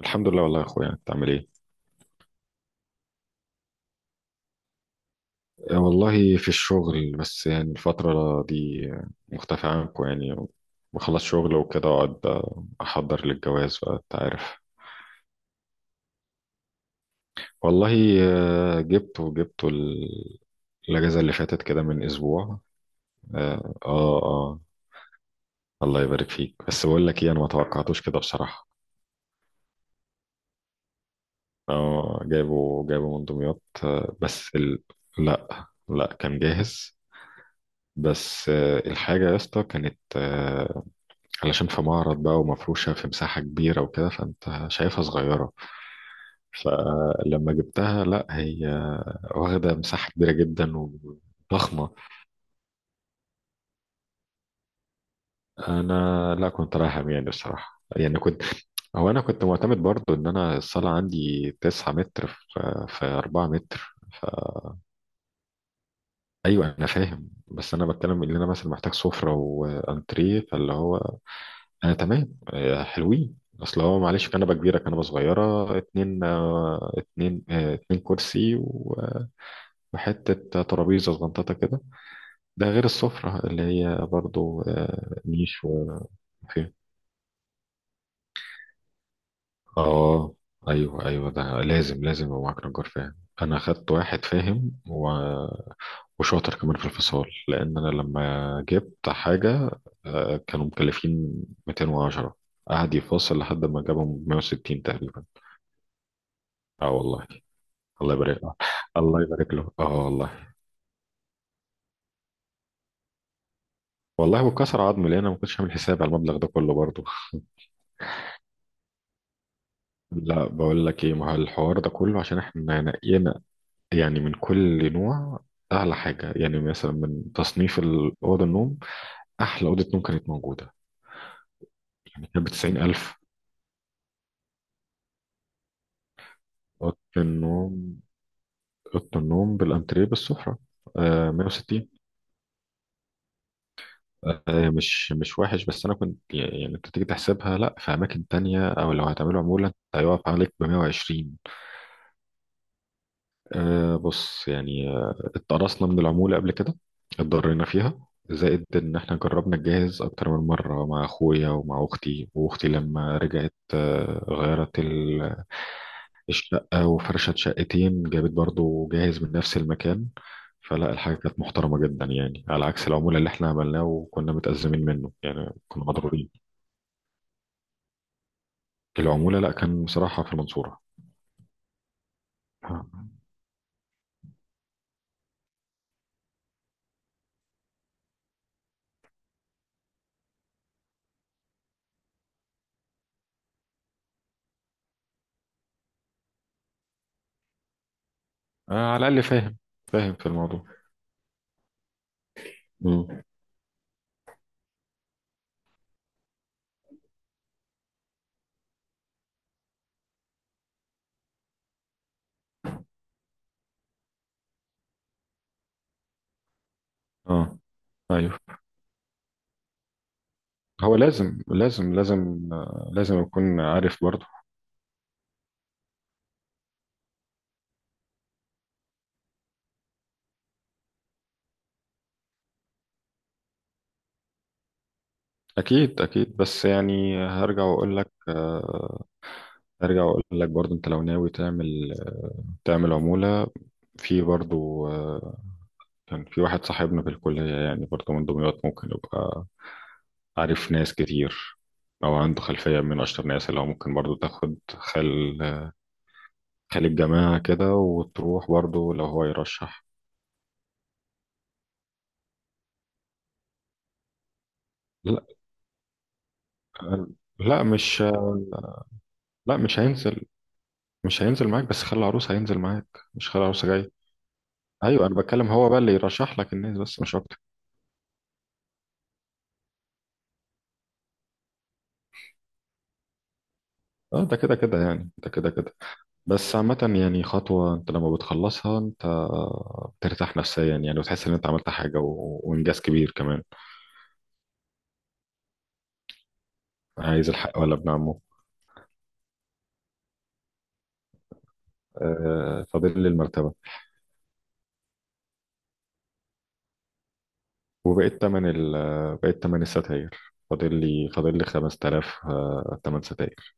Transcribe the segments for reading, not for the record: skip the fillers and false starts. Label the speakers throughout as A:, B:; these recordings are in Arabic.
A: الحمد لله، والله يا اخويا انت عامل ايه؟ والله في الشغل، بس يعني الفترة دي مختفي عنكم يعني. بخلص شغل وكده اقعد، احضر للجواز بقى، انت عارف. والله جبته، الاجازة اللي فاتت كده من اسبوع. اه اه آه، الله يبارك فيك. بس بقول لك ايه، انا ما توقعتوش كده بصراحة. اه جايبه، جايبه من دمياط، لا لا، كان جاهز. بس الحاجة يا اسطى كانت علشان في معرض بقى، ومفروشة في مساحة كبيرة وكده، فانت شايفها صغيرة. فلما جبتها، لا هي واخدة مساحة كبيرة جدا وضخمة. انا لا، كنت رايح عمياني الصراحة، يعني كنت، هو انا كنت معتمد برضو ان انا الصالة عندي 9 متر في 4 متر. ايوه انا فاهم، بس انا بتكلم ان انا مثلا محتاج سفرة وانتريه، فاللي هو آه تمام، آه حلوين. اصل هو معلش، كنبه كبيره، كنبه صغيره، اتنين آه اتنين آه اتنين كرسي، وحته ترابيزه صغنططه كده. ده غير السفره اللي هي برضو آه نيش، وفيه اه. ايوه ايوه، ده لازم يبقى معاك نجار فاهم. انا خدت واحد فاهم وشاطر كمان في الفصال، لان انا لما جبت حاجه آه كانوا مكلفين 210، قعد يفاصل لحد ما جابهم 160 تقريبا. اه والله. الله يبارك له، الله يبارك له، اه والله. والله وكسر عظمي، لان انا ما كنتش عامل حساب على المبلغ ده كله برضه. لا بقول لك ايه، ما هو الحوار ده كله عشان احنا نقينا يعني من كل نوع اعلى حاجه. يعني مثلا من تصنيف اوضه النوم، احلى اوضه نوم كانت موجوده يعني كانت ب 90000. اوضه النوم، اوضه النوم بالانتريه بالسفره آه 160. مش، مش وحش، بس انا كنت يعني كنت تيجي تحسبها لا، في اماكن تانية، او لو هتعملوا عمولة انت هيقف عليك ب 120. أه بص يعني، اتقرصنا من العمولة قبل كده، اتضرينا فيها. زائد ان احنا جربنا نجهز اكتر من مرة، مع اخويا ومع اختي، واختي لما رجعت غيرت الشقة، وفرشت شقتين، جابت برضو جاهز من نفس المكان. فلا، الحاجة كانت محترمة جدا يعني، على عكس العمولة اللي احنا عملناه وكنا متأزمين منه، يعني كنا مضرورين. العمولة لا، كان بصراحة في المنصورة. آه. آه على الأقل فاهم، فاهم في الموضوع. مم. اه ايوه، هو لازم أكون عارف برضه. أكيد أكيد، بس يعني هرجع وأقول لك، هرجع وأقول لك برضه، أنت لو ناوي تعمل عمولة، في برضه كان في واحد صاحبنا في الكلية، يعني برضه من دمياط، ممكن يبقى عارف ناس كتير، أو عنده خلفية من أشطر ناس، اللي هو ممكن برضه تاخد خلي الجماعة كده وتروح برضو لو هو يرشح. لا لا مش، لا مش هينزل، مش هينزل معاك، بس خلي العروس هينزل معاك، مش خلي العروسة جاي. ايوه انا بتكلم، هو بقى اللي يرشح لك الناس، بس مش اكتر. اه، ده كده كده يعني، ده كده كده. بس عامة يعني خطوة، انت لما بتخلصها انت بترتاح نفسيا يعني، وتحس ان انت عملت حاجة وانجاز كبير كمان. عايز الحق ولا ابن عمه؟ آه فاضل لي المرتبة، وبقيت تمن ال بقيت تمن الستاير. فاضل لي 5000 تمن ستاير.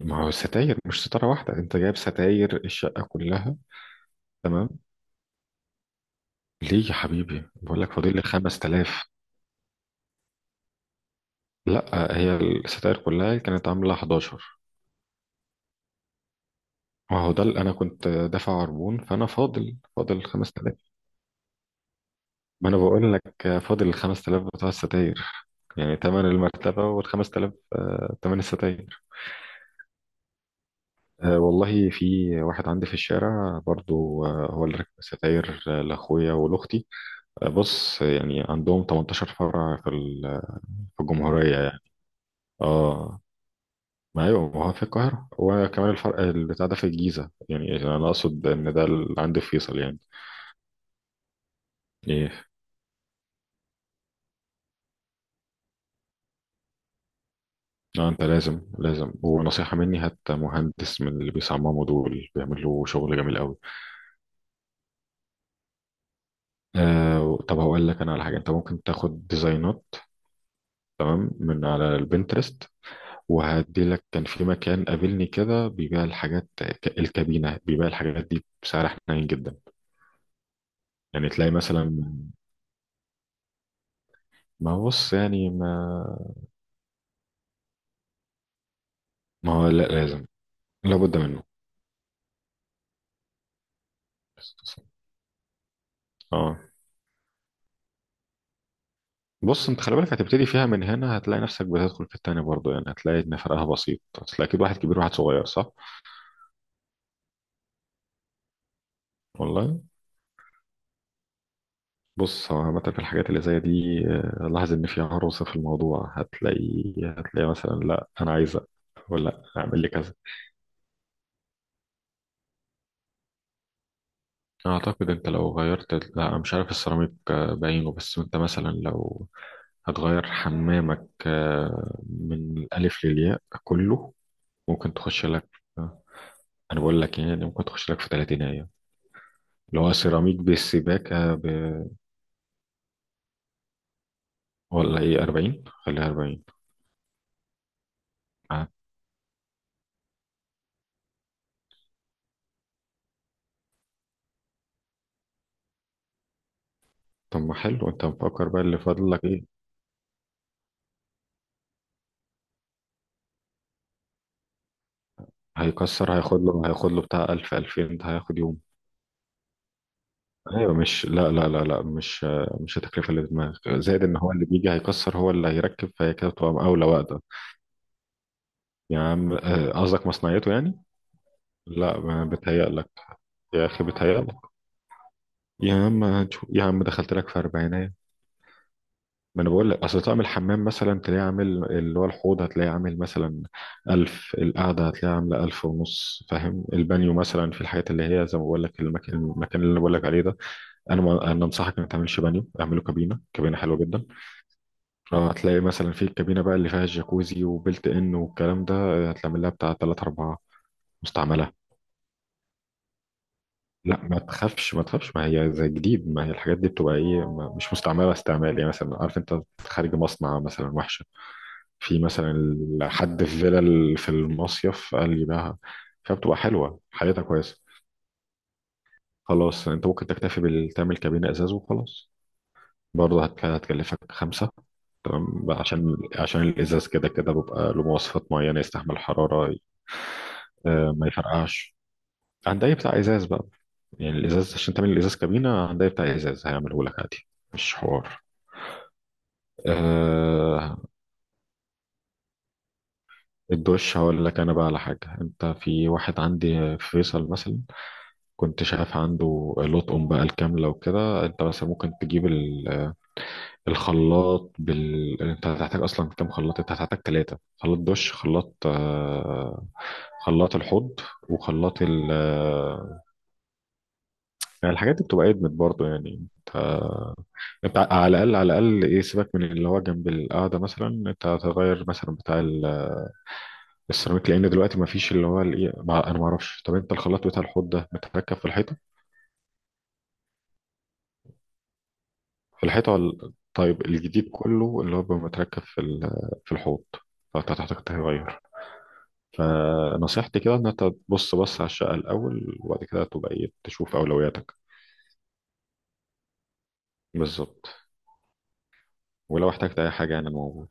A: ما هو الستاير مش ستارة واحدة، انت جايب ستاير الشقة كلها. تمام. ليه يا حبيبي، بقول لك فاضل لي 5000. لا، هي الستاير كلها كانت عاملة 11. ما هو ده اللي انا كنت دافع عربون، فانا فاضل 5000. ما انا بقول لك فاضل ال 5000 بتوع الستاير. يعني تمن المرتبة وال 5000 تمن الستاير. أه والله، في واحد عندي في الشارع برضو، أه هو اللي ركب ستاير أه لأخويا ولأختي. أه بص، يعني عندهم 18 فرع في في الجمهورية يعني. اه ما ايوه، ما هو في القاهرة، وكمان الفرع البتاع ده في الجيزة يعني، أنا أقصد إن ده اللي عندي في فيصل يعني. إيه؟ لا أنت لازم، لازم، ونصيحة مني، هات مهندس من اللي بيصمموا دول، بيعملوا شغل جميل قوي. آه طب هقول لك أنا على حاجة، أنت ممكن تاخد ديزاينات تمام من على البنترست، وهدي لك. كان في مكان قابلني كده بيبيع الحاجات الكابينة، بيبيع الحاجات دي بسعر حنين جدا. يعني تلاقي مثلا، ما هو بص يعني ما هو لا لازم، لابد منه. اه بص، انت خلي بالك، هتبتدي فيها من هنا، هتلاقي نفسك بتدخل في التاني برضه يعني، هتلاقي ان فرقها بسيط. هتلاقي اكيد واحد كبير وواحد صغير، صح؟ والله. بص، هو عامة في الحاجات اللي زي دي لاحظ ان في عروسة في الموضوع، هتلاقي، هتلاقي مثلا لا انا عايزة، ولا اعمل لي كذا. أعتقد أنت لو غيرت، لا أنا مش عارف السيراميك بعينه، بس أنت مثلا لو هتغير حمامك من الألف للياء كله، ممكن تخش لك آه، أنا بقول لك يعني ممكن تخش لك في 30 أيام، اللي هو سيراميك بالسباكة ب... ولا إيه، 40، خليها 40. آه. طب ما حلو، أنت مفكر بقى اللي فاضل لك إيه. هيكسر، هياخد له بتاع 1000، 2000، ده هياخد يوم. ايوه، مش لا لا لا لا مش مش التكلفه اللي في دماغك. زائد ان هو اللي بيجي هيكسر هو اللي هيركب، فهي كده بتبقى مقاوله واقده. يا عم قصدك مصنعيته يعني. لا ما بتهيألك، يا اخي بتهيألك. يا عم هنشوف. يا عم دخلت لك في اربعينات. ما انا بقول لك، اصل طقم الحمام مثلا تلاقيه عامل، اللي هو الحوض هتلاقيه عامل مثلا ألف، القعدة هتلاقيها عاملة ألف ونص، فاهم؟ البانيو مثلا، في الحاجات اللي هي زي ما بقول لك، المكان، المكان اللي انا بقول لك عليه ده، انا، ما انا انصحك ما تعملش بانيو، اعمله كابينة، كابينة حلوة جدا. اه هتلاقي مثلا في الكابينة بقى اللي فيها الجاكوزي وبلت ان والكلام ده هتعمل لها بتاع 3، 4. مستعملة؟ لا ما تخافش، ما تخافش، ما هي زي جديد. ما هي الحاجات دي بتبقى ايه، مش مستعملة استعمال يعني، مثلا عارف انت، خارج مصنع مثلا وحشة. في مثلا حد في فيلا في المصيف قال لي بقى، فبتبقى حلوة حالتها كويسة. خلاص انت ممكن تكتفي بتعمل كابينة ازاز وخلاص. برضه هتكلفك خمسة. تمام بقى، عشان، عشان الازاز كده كده بيبقى له مواصفات معينه، يستحمل حراره ما يفرقعش. هنداية بتاع ازاز بقى، يعني الازاز، عشان تعمل الازاز كابينه، هنداية بتاع ازاز هيعمله لك عادي، مش حوار. أه. الدش هقول لك انا بقى على حاجه، انت في واحد عندي في فيصل مثلا كنت شايف عنده لطقم بقى الكامله، وكده انت مثلا ممكن تجيب الخلاط بال، انت هتحتاج اصلا كام خلاط؟ انت هتحتاج ثلاثه خلاط، دش، خلاط خلاط الحوض، وخلاط يعني الحاجات دي بتبقى ادمت برضه يعني انت، انت على الاقل، على الاقل ايه، سيبك من اللي هو جنب القعده مثلا، انت هتغير مثلا بتاع السيراميك، لان دلوقتي ما فيش اللي هو الايه، ما انا ما اعرفش. طب انت الخلاط بتاع الحوض ده متركب في الحيطه، في الحيطه؟ ولا طيب الجديد كله اللي هو بيبقى متركب في في الحوض؟ فانت هتحتاج تغير. فنصيحتي كده ان انت تبص، بص على الشقه الاول، وبعد كده تبقى ايه، تشوف اولوياتك. بالظبط. ولو احتجت اي حاجه يعني، انا موجود.